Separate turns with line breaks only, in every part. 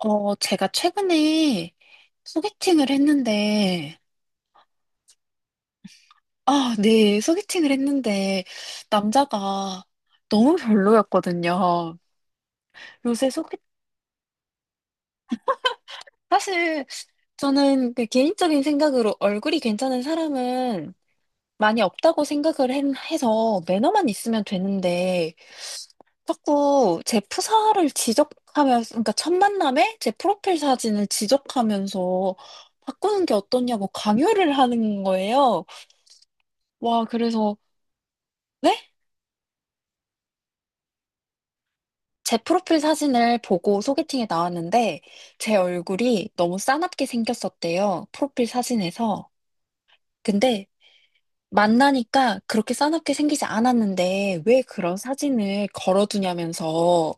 제가 최근에 소개팅을 했는데, 아, 네, 소개팅을 했는데, 남자가 너무 별로였거든요. 요새 소개, 사실 저는 그 개인적인 생각으로 얼굴이 괜찮은 사람은 많이 없다고 생각을 해서 매너만 있으면 되는데, 자꾸 제 프사를 지적하면서, 그러니까 첫 만남에 제 프로필 사진을 지적하면서 바꾸는 게 어떠냐고 강요를 하는 거예요. 와, 그래서 네? 제 프로필 사진을 보고 소개팅에 나왔는데 제 얼굴이 너무 싸납게 생겼었대요. 프로필 사진에서. 근데 만나니까 그렇게 싸납게 생기지 않았는데 왜 그런 사진을 걸어두냐면서.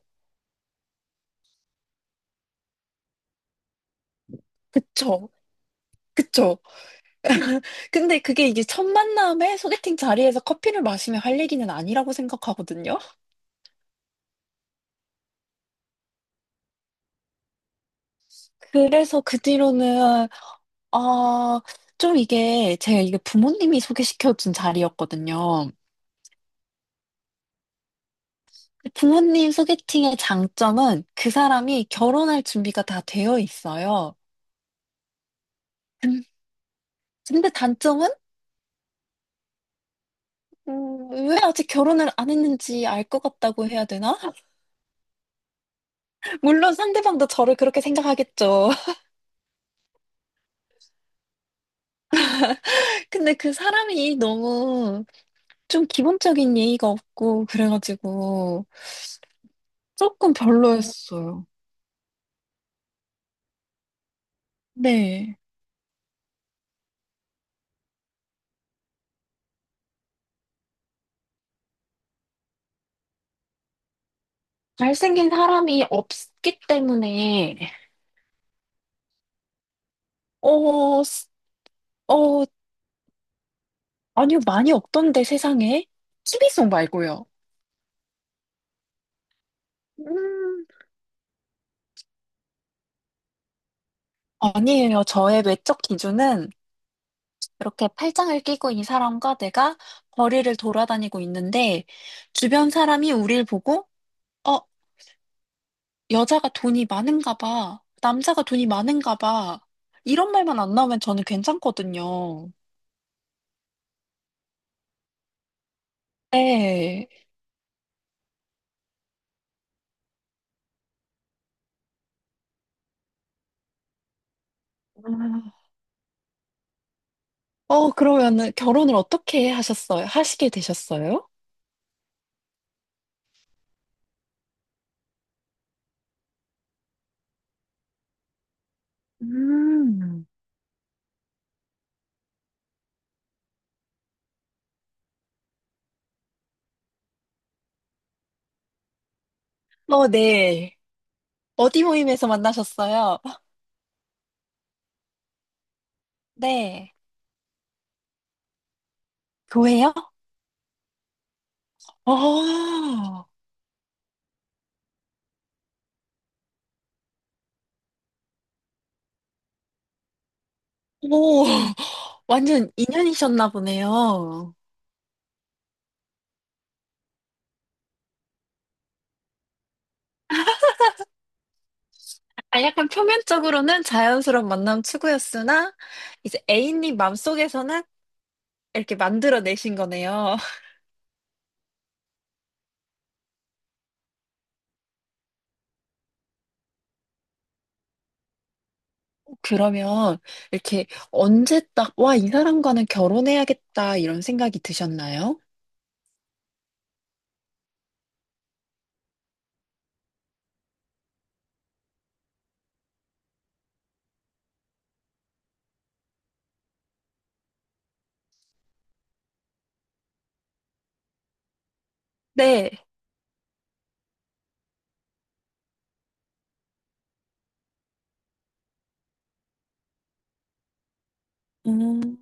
그쵸? 그쵸? 근데 그게 이제 첫 만남에 소개팅 자리에서 커피를 마시며 할 얘기는 아니라고 생각하거든요. 그래서 그 뒤로는 아, 좀 이게 제가 이게 부모님이 소개시켜준 자리였거든요. 부모님 소개팅의 장점은 그 사람이 결혼할 준비가 다 되어 있어요. 근- 근데 단점은 왜 아직 결혼을 안 했는지 알 것 같다고 해야 되나? 물론 상대방도 저를 그렇게 생각하겠죠. 근데 그 사람이 너무 좀 기본적인 예의가 없고 그래가지고 조금 별로였어요. 네. 잘생긴 사람이 없기 때문에 어, 스- 어, 아니요, 많이 없던데 세상에. t 비송 말고요. 음, 아니에요. 저의 외적 기준은 이렇게 팔짱을 끼고 이 사람과 내가 거리를 돌아다니고 있는데 주변 사람이 우릴 보고 어, 여자가 돈이 많은가 봐. 남자가 돈이 많은가 봐. 이런 말만 안 나오면 저는 괜찮거든요. 네. 아, 그러면은 결혼을 어떻게 하셨어요? 하시게 되셨어요? 음. 어, 네. 어디 모임에서 만나셨어요? 네. 교회요? 어. 오, 완전 인연이셨나 보네요. 아, 약간 표면적으로는 자연스러운 만남 추구였으나, 이제 애인님 마음속에서는 이렇게 만들어내신 거네요. 그러면 이렇게 언제 딱, 와, 이 사람과는 결혼해야겠다, 이런 생각이 드셨나요? 네. 음,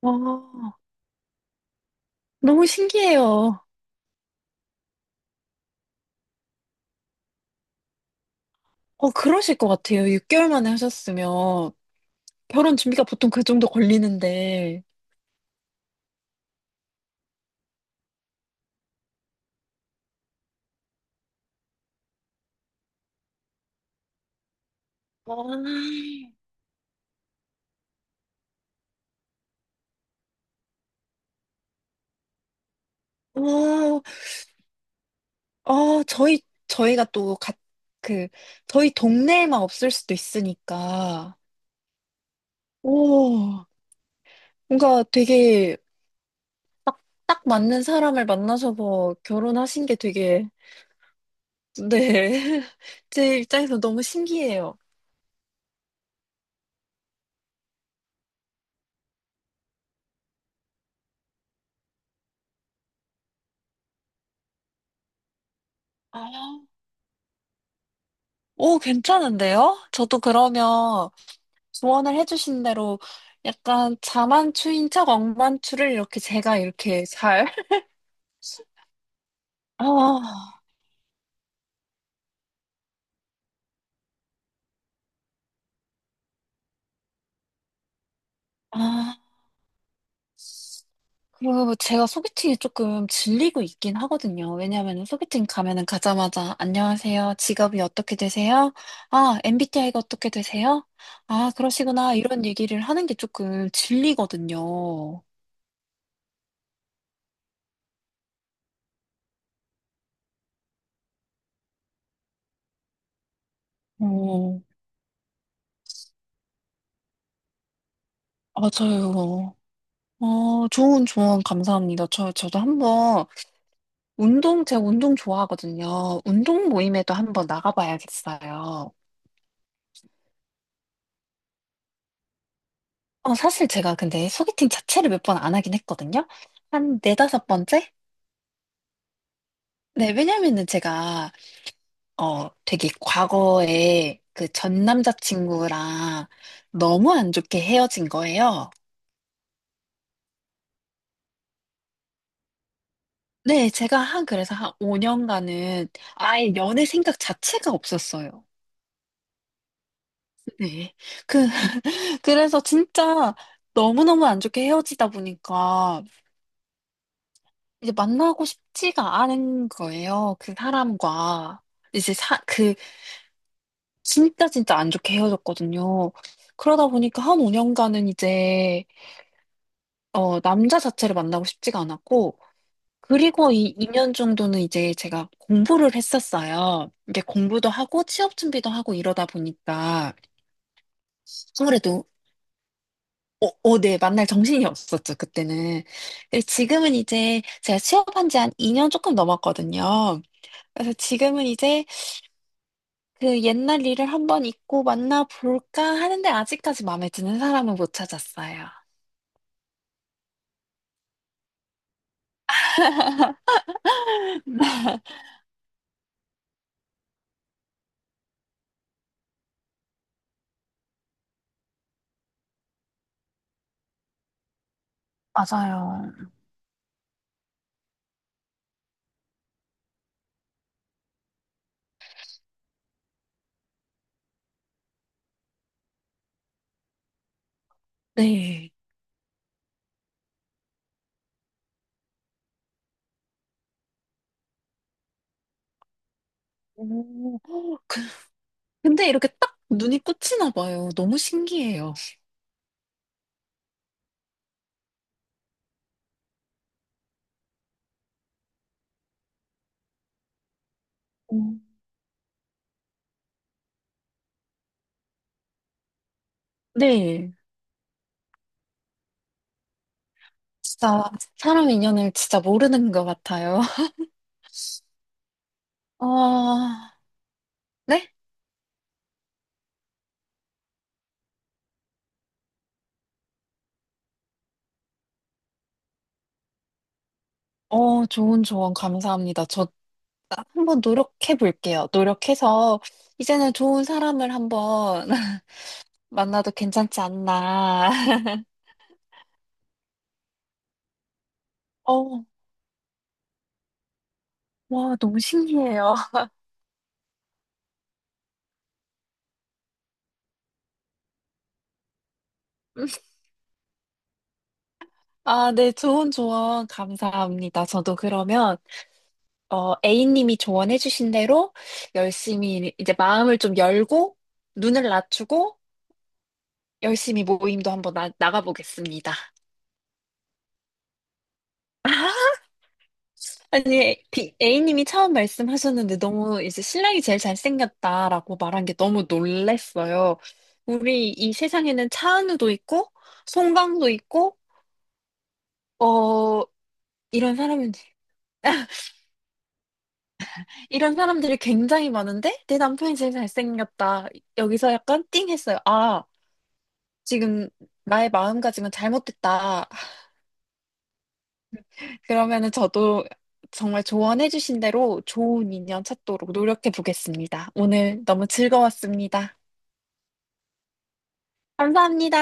와, 너무 신기해요. 그러실 것 같아요. 6개월 만에 하셨으면. 결혼 준비가 보통 그 정도 걸리는데. 와, 와, 어, 저희, 저희가 그, 저희 동네에만 없을 수도 있으니까, 오, 뭔가 되게 딱 맞는 사람을 만나서 뭐 결혼하신 게 되게, 네. 제 입장에서 너무 신기해요. 아, 오, 괜찮은데요? 저도 그러면 조언을 해주신 대로 약간 자만추인 척 억만추를 이렇게 제가 이렇게 잘, 아, 아. 그리고 제가 소개팅이 조금 질리고 있긴 하거든요. 왜냐하면 소개팅 가면은 가자마자 안녕하세요. 직업이 어떻게 되세요? MBTI가 어떻게 되세요? 아, 그러시구나. 이런 얘기를 하는 게 조금 질리거든요. 어, 맞아요. 좋은 조언 감사합니다. 저도 한번 제가 운동 좋아하거든요. 운동 모임에도 한번 나가봐야겠어요. 사실 제가 근데 소개팅 자체를 몇 번 안 하긴 했거든요. 한 네다섯 번째? 네, 왜냐면은 제가, 되게 과거에 그 전 남자친구랑 너무 안 좋게 헤어진 거예요. 네, 그래서 한 5년간은 아예 연애 생각 자체가 없었어요. 네. 그, 그래서 진짜 너무너무 안 좋게 헤어지다 보니까 이제 만나고 싶지가 않은 거예요. 그 사람과. 이제 진짜 진짜 안 좋게 헤어졌거든요. 그러다 보니까 한 5년간은 이제 남자 자체를 만나고 싶지가 않았고, 그리고 이 2년 정도는 이제 제가 공부를 했었어요. 이게 공부도 하고 취업 준비도 하고 이러다 보니까 아무래도 네, 만날 정신이 없었죠, 그때는. 근데 지금은 이제 제가 취업한 지 한 2년 조금 넘었거든요. 그래서 지금은 이제 그 옛날 일을 한번 잊고 만나볼까 하는데 아직까지 마음에 드는 사람은 못 찾았어요. 맞아요. 네. 오. 근데 이렇게 딱 눈이 꽂히나 봐요. 너무 신기해요. 음. 네. 진짜 사람 인연을 진짜 모르는 것 같아요. 아, 네? 좋은 조언 감사합니다. 저 한번 노력해 볼게요. 노력해서 이제는 좋은 사람을 한번 만나도 괜찮지 않나. 어, 와, 너무 신기해요. 네, 좋은 조언 감사합니다. 저도 그러면 A님이 조언해주신 대로 열심히 이제 마음을 좀 열고 눈을 낮추고 열심히 모임도 한번 나가보겠습니다. 아니, A님이 처음 말씀하셨는데 너무 이제 신랑이 제일 잘생겼다라고 말한 게 너무 놀랬어요. 우리 이 세상에는 차은우도 있고, 송강도 있고, 어, 이런 사람이 이런 사람들이 굉장히 많은데 내 남편이 제일 잘생겼다. 여기서 약간 띵 했어요. 아, 지금 나의 마음가짐은 잘못됐다. 그러면은 저도 정말 조언해 주신 대로 좋은 인연 찾도록 노력해 보겠습니다. 오늘 너무 즐거웠습니다. 감사합니다.